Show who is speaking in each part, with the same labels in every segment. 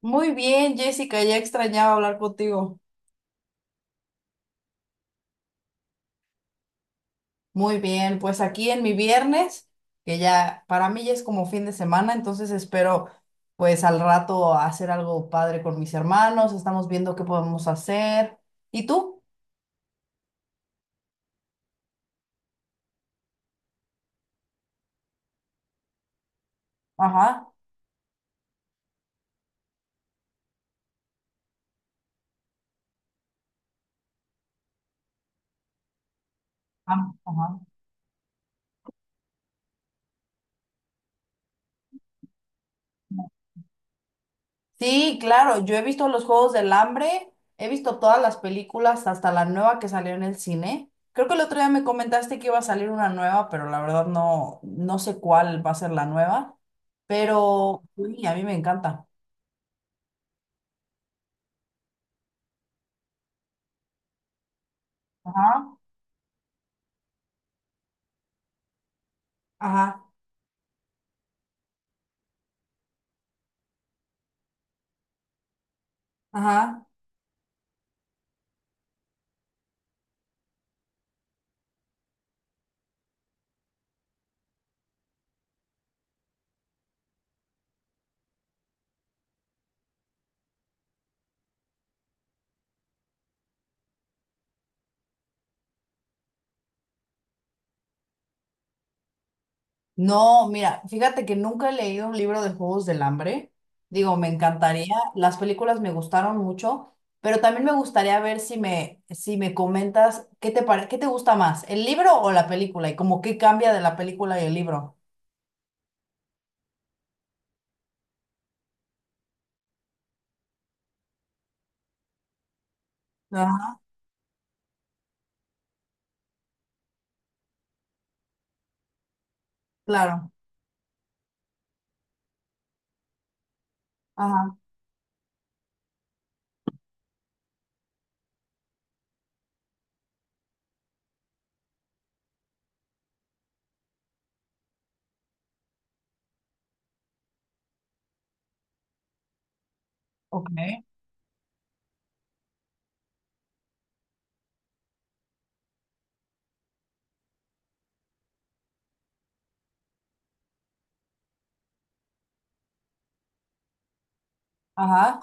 Speaker 1: Muy bien, Jessica, ya extrañaba hablar contigo. Muy bien, pues aquí en mi viernes, que ya para mí ya es como fin de semana, entonces espero pues al rato hacer algo padre con mis hermanos, estamos viendo qué podemos hacer. ¿Y tú? Ajá. Ajá. Sí, claro, yo he visto los Juegos del Hambre, he visto todas las películas, hasta la nueva que salió en el cine. Creo que el otro día me comentaste que iba a salir una nueva, pero la verdad no sé cuál va a ser la nueva, pero uy, a mí me encanta. Ajá, ajá, ajá. No, mira, fíjate que nunca he leído un libro de Juegos del Hambre. Digo, me encantaría. Las películas me gustaron mucho, pero también me gustaría ver si me comentas qué te gusta más, el libro o la película, y como qué cambia de la película y el libro. Ajá, claro. Ajá. Ok. Ajá.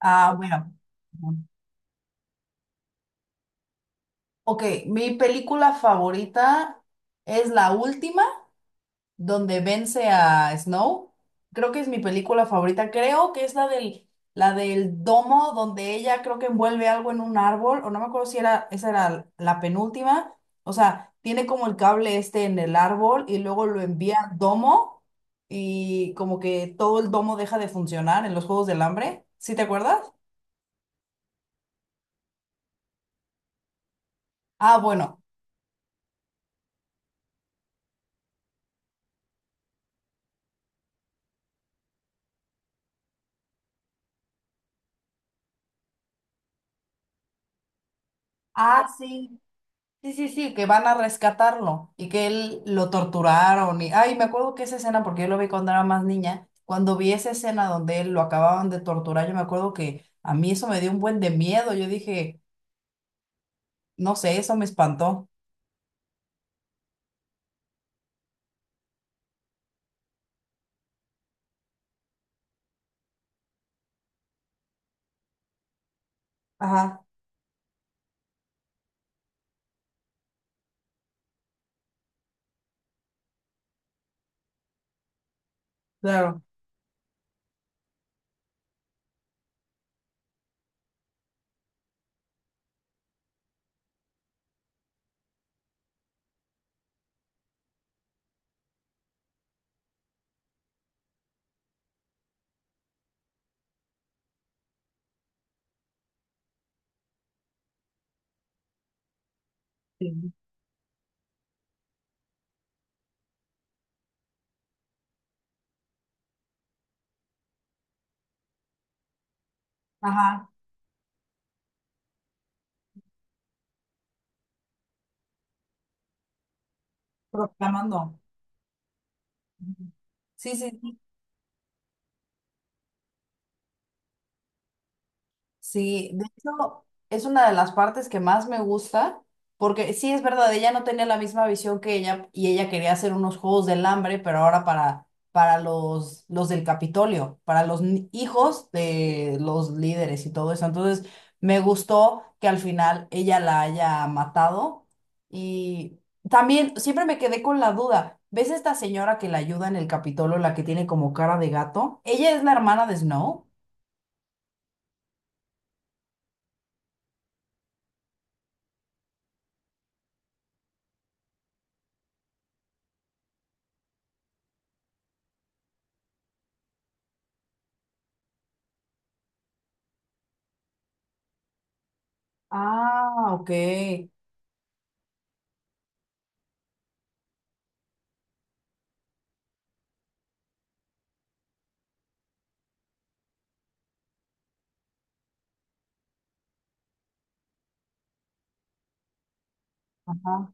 Speaker 1: Ah, bueno. Ok, mi película favorita es la última. Donde vence a Snow. Creo que es mi película favorita. Creo que es la del domo, donde ella creo que envuelve algo en un árbol, o no me acuerdo si era, esa era la penúltima. O sea, tiene como el cable este en el árbol y luego lo envía al domo y como que todo el domo deja de funcionar en los Juegos del Hambre. ¿Sí te acuerdas? Ah, bueno. Ah, sí. Sí, sí, sí, que van a rescatarlo y que él lo torturaron. Y, ay, me acuerdo que esa escena, porque yo lo vi cuando era más niña, cuando vi esa escena donde él lo acababan de torturar, yo me acuerdo que a mí eso me dio un buen de miedo. Yo dije, no sé, eso me espantó. Ajá, claro. Sí. Ajá, proclamando. Ujú. Sí, sí, sí. Sí, de hecho, es una de las partes que más me gusta, porque sí es verdad, ella no tenía la misma visión que ella y ella quería hacer unos juegos del hambre, pero ahora para los del Capitolio, para los ni- hijos de los líderes y todo eso. Entonces, me gustó que al final ella la haya matado y también siempre me quedé con la duda. ¿Ves esta señora que la ayuda en el Capitolio, la que tiene como cara de gato? Ella es la hermana de Snow. Ah, ok. Ajá.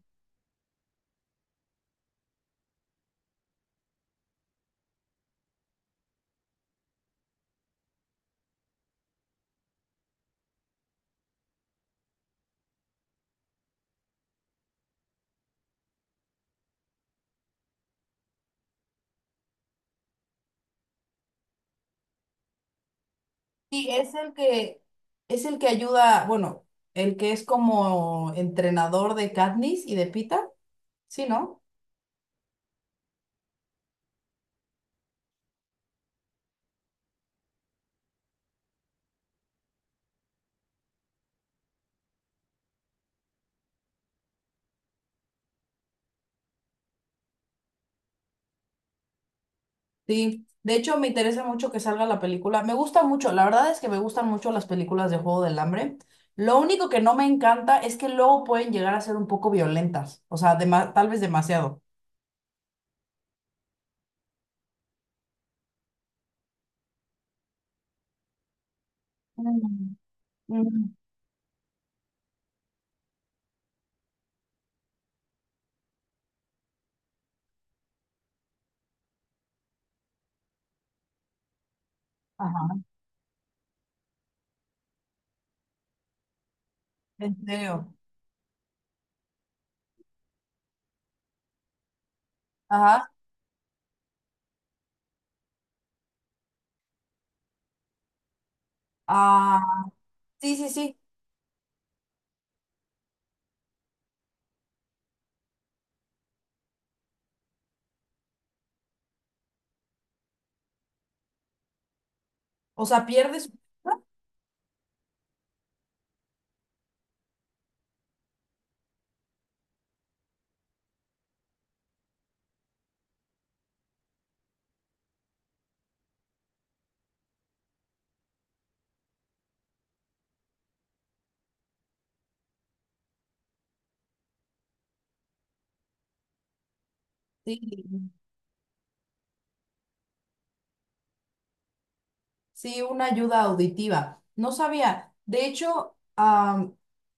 Speaker 1: Sí, es el que ayuda, bueno, el que es como entrenador de Katniss y de Pita, sí, ¿no? Sí. De hecho, me interesa mucho que salga la película. Me gusta mucho, la verdad es que me gustan mucho las películas de Juego del Hambre. Lo único que no me encanta es que luego pueden llegar a ser un poco violentas, o sea, tal vez demasiado. Mm, mm. Ajá. ¿En serio? Ajá. Ah, sí, sí, sí. O sea, pierdes. Sí. Sí, una ayuda auditiva. No sabía. De hecho,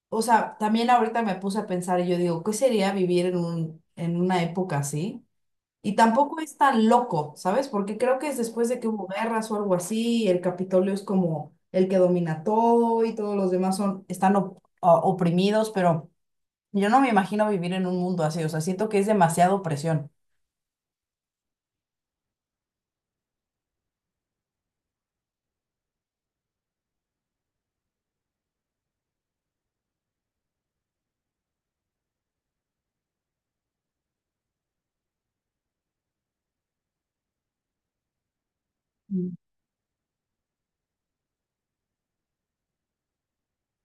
Speaker 1: o sea, también ahorita me puse a pensar y yo digo, ¿qué sería vivir en en una época así? Y tampoco es tan loco, ¿sabes? Porque creo que es después de que hubo guerras o algo así, y el Capitolio es como el que domina todo y todos los demás son, están oprimidos, pero yo no me imagino vivir en un mundo así. O sea, siento que es demasiada opresión.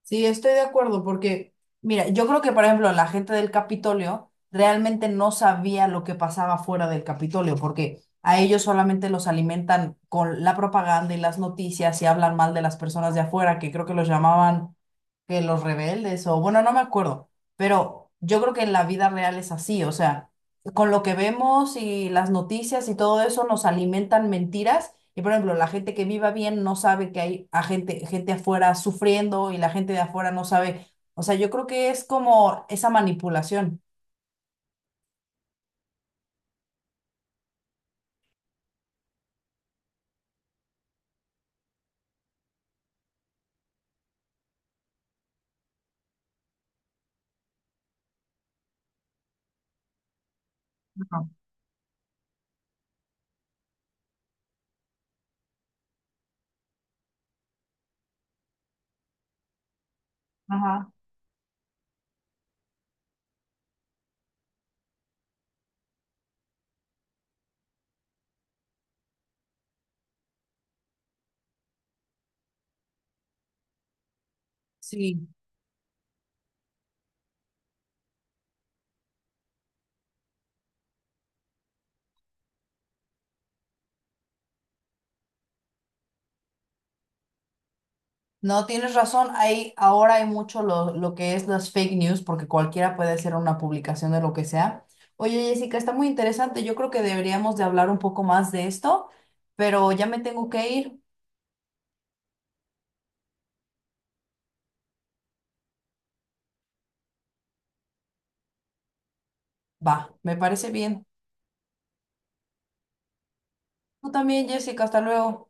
Speaker 1: Sí, estoy de acuerdo, porque, mira, yo creo que, por ejemplo, la gente del Capitolio realmente no sabía lo que pasaba fuera del Capitolio, porque a ellos solamente los alimentan con la propaganda y las noticias y hablan mal de las personas de afuera, que creo que los llamaban que los rebeldes, o bueno, no me acuerdo, pero yo creo que en la vida real es así, o sea, con lo que vemos y las noticias y todo eso nos alimentan mentiras. Y por ejemplo, la gente que viva bien no sabe que hay a gente, gente afuera sufriendo y la gente de afuera no sabe. O sea, yo creo que es como esa manipulación. Ajá. Ajá. Sí. No, tienes razón. Hay, ahora hay mucho lo que es las fake news, porque cualquiera puede hacer una publicación de lo que sea. Oye, Jessica, está muy interesante. Yo creo que deberíamos de hablar un poco más de esto, pero ya me tengo que ir. Va, me parece bien. Tú también, Jessica, hasta luego.